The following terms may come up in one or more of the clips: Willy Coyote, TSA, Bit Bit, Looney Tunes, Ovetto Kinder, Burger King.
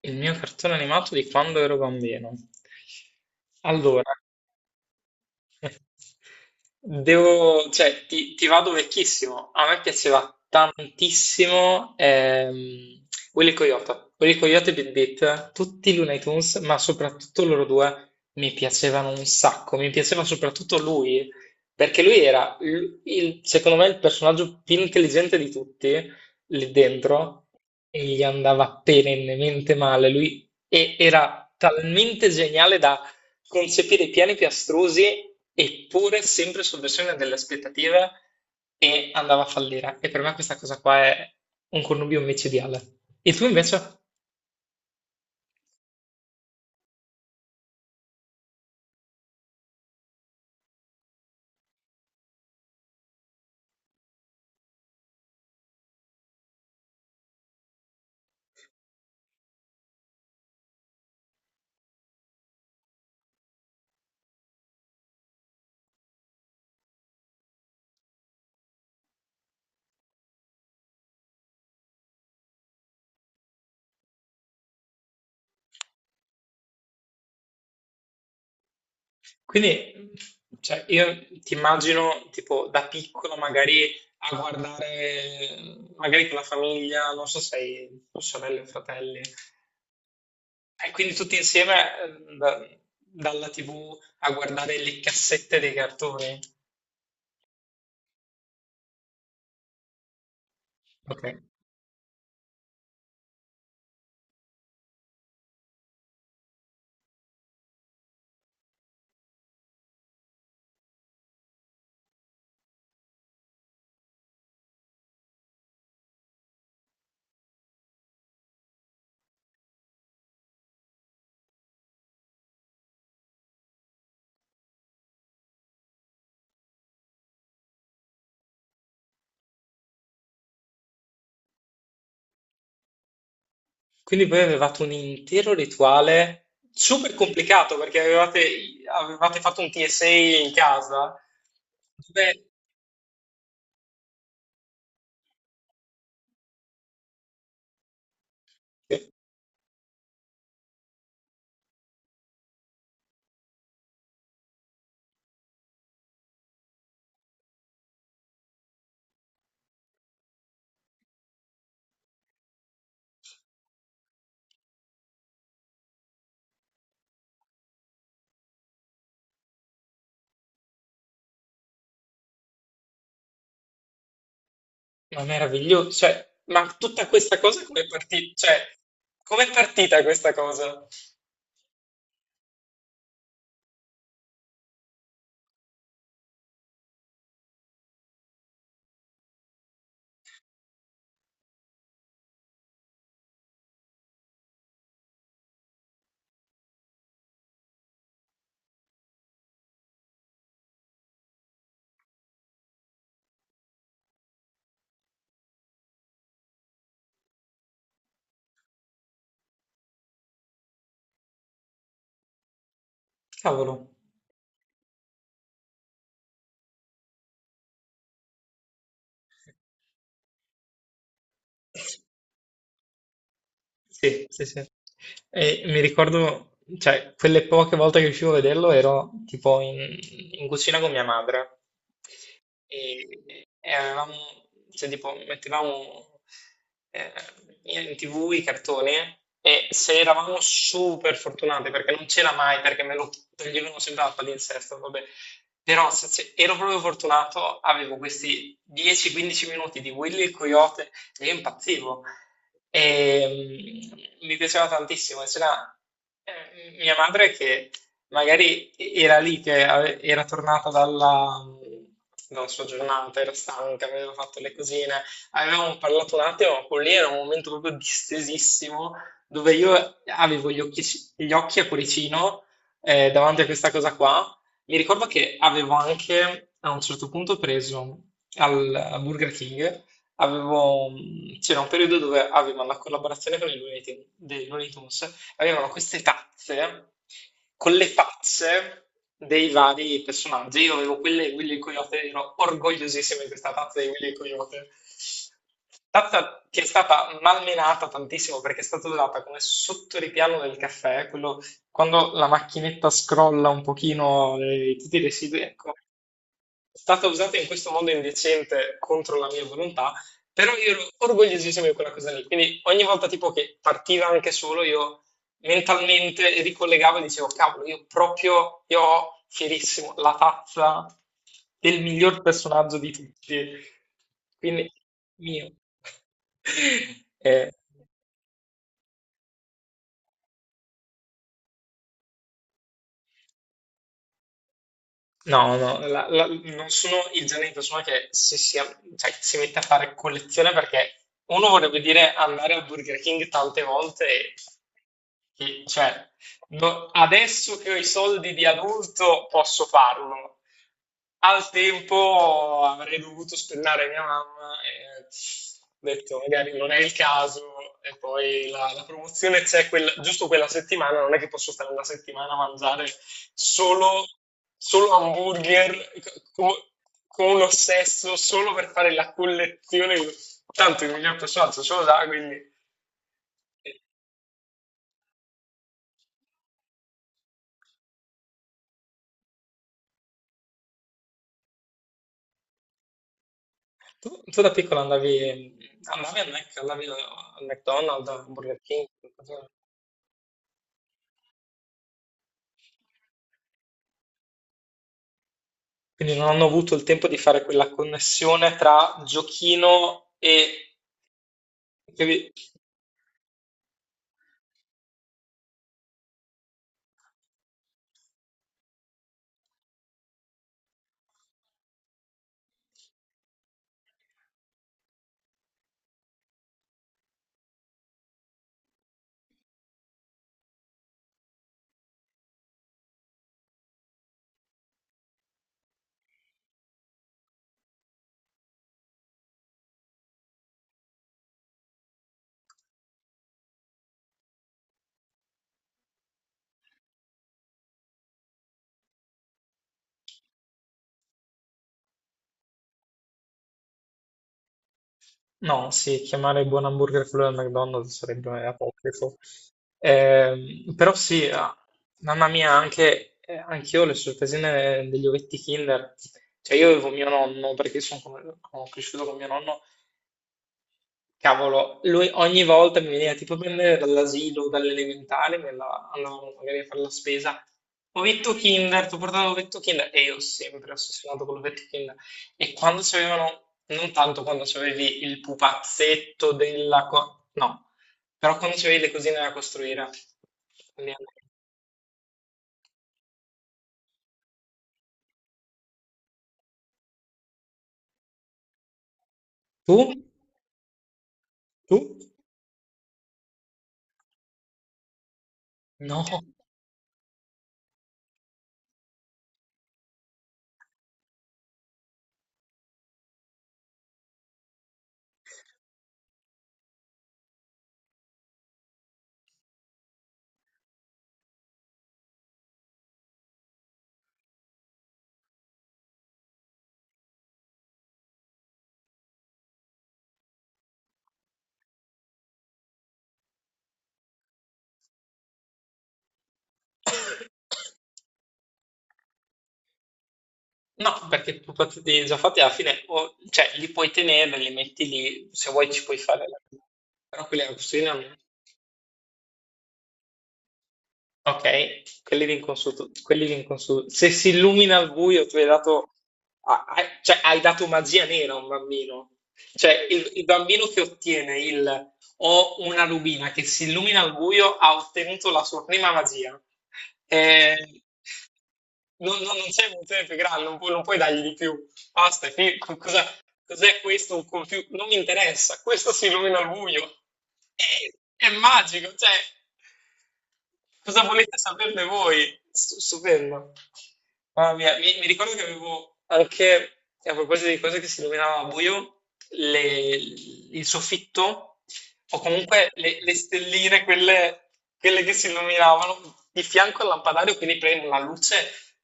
Il mio cartone animato di quando ero bambino. Allora, devo, cioè, ti vado vecchissimo. A me piaceva tantissimo Willy Coyote. Willy Coyote e Bit Bit, tutti i Looney Tunes, ma soprattutto loro due mi piacevano un sacco. Mi piaceva soprattutto lui, perché lui era, secondo me, il personaggio più intelligente di tutti lì dentro, e gli andava perennemente male. Lui era talmente geniale concepire piani piastrosi, eppure sempre sovversione delle aspettative, e andava a fallire. E per me questa cosa qua è un connubio micidiale. E tu invece? Quindi, cioè, io ti immagino tipo da piccolo magari a guardare, magari con la famiglia, non so se hai sorelle o fratelli, e quindi tutti insieme, eh, da- dalla TV a guardare le cassette dei cartoni. Ok. Quindi voi avevate un intero rituale super complicato perché avevate, avevate fatto un TSA in casa. Dove... Ma meraviglioso, cioè, ma tutta questa cosa come è partita? Cioè, com'è partita questa cosa? Cavolo, sì, sì, sì. E mi ricordo, cioè, quelle poche volte che riuscivo a vederlo ero tipo in, cucina con mia madre. E avevamo, cioè, tipo, mettevamo eh, in TV i cartoni, e se eravamo super fortunati, perché non c'era mai, perché me lo toglievano sempre al palinsesto, vabbè. Però se ero proprio fortunato, avevo questi 10-15 minuti di Willy il Coyote e io impazzivo. E mi piaceva tantissimo. E c'era, mia madre che... Magari era lì che era tornata dalla sua giornata, era stanca, aveva fatto le cosine. Avevamo parlato un attimo, ma quello lì era un momento proprio distesissimo, dove io avevo gli occhi a cuoricino, davanti a questa cosa qua. Mi ricordo che avevo anche, a un certo punto, preso al Burger King, avevo- c'era un periodo dove avevo la collaborazione con i Looney Tunes, avevano queste tazze con le facce dei vari personaggi. Io avevo quelle di Willy il Coyote, ero orgogliosissimo di questa tazza di Willy il Coyote. Tazza che è stata malmenata tantissimo perché è stata usata come sottoripiano del caffè, quello quando la macchinetta scrolla un pochino, tutti i residui, ecco, è stata usata in questo modo indecente contro la mia volontà, però io ero orgogliosissimo di quella cosa lì. Quindi ogni volta tipo che partiva anche solo, io mentalmente ricollegavo e dicevo, cavolo, io proprio, io ho fierissimo la tazza del miglior personaggio di tutti. Quindi, mio. Eh, no, no, non sono il genere di persona che cioè, che si mette a fare collezione, perché uno vorrebbe dire andare al Burger King tante volte cioè, adesso che ho i soldi di adulto posso farlo. Al tempo avrei dovuto spennare mia mamma e ho detto magari non è il caso, e poi la, promozione c'è giusto quella settimana, non è che posso stare una settimana a mangiare solo, solo hamburger co- con un ossesso solo per fare la collezione, tanto il miglior personaggio ce lo dà, quindi... Tu da piccola andavi al Mac, andavi al McDonald's, al Burger King? Qualcosa? Quindi non hanno avuto il tempo di fare quella connessione tra giochino e... che- No, sì, chiamare buon hamburger quello del McDonald's sarebbe apocrifo. Però sì, ah, mamma mia, anche anch'io ho le sorpresine degli ovetti Kinder. Cioè io avevo mio nonno, perché sono, sono cresciuto con mio nonno. Cavolo, lui ogni volta mi veniva tipo a prendere dall'asilo, dall'elementare, andavamo magari a fare la spesa. Ovetto Kinder, ti portavo Ovetto Kinder e io sempre ossessionato con l'Ovetto Kinder. E quando c'avevano, non tanto quando c'avevi il pupazzetto della... no, però quando c'avevi le cosine da costruire. le- Tu? Tu? No. No, perché propositi già fatti alla fine, cioè li puoi tenere, li metti lì, se vuoi ci puoi fare la... però quelli alla cucina no. Ok, quelli di inconsulto, quelli di inconsulto. Se si illumina al buio, tu hai dato, cioè, hai dato magia nera a un bambino. Cioè, il bambino che ottiene il o una rubina che si illumina al buio ha ottenuto la sua prima magia. Eh, non sei evoluzione più grande, non puoi, non puoi dargli di più. Basta, è cos'è questo? Un computer? Non mi interessa, questo si illumina al buio. È, è magico, cioè. Cosa volete saperne voi? Stupendo. Mamma mia, mi ricordo che avevo anche, a proposito di cose che si illuminava a buio, le- il soffitto, o comunque le stelline, quelle, quelle che si illuminavano di fianco al lampadario, quindi prendevi una luce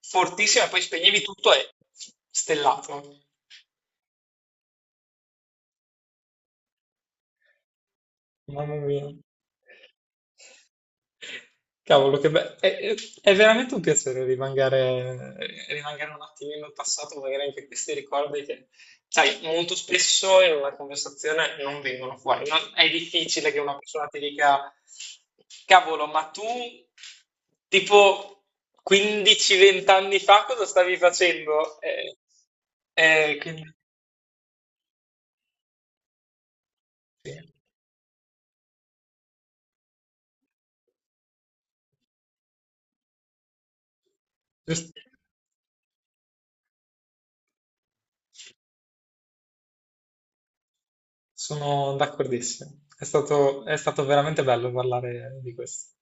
fortissima e poi spegnevi tutto e stellato. Mamma mia. Cavolo, che bello. È veramente un piacere rimangare, rimangere un attimino al passato, magari anche questi ricordi che, sai, molto spesso in una conversazione non vengono fuori. È difficile che una persona ti dica, cavolo, ma tu, tipo 15-20 anni fa, cosa stavi facendo? Quindi, sì, giusto. Sono d'accordissimo. È stato veramente bello parlare di questo.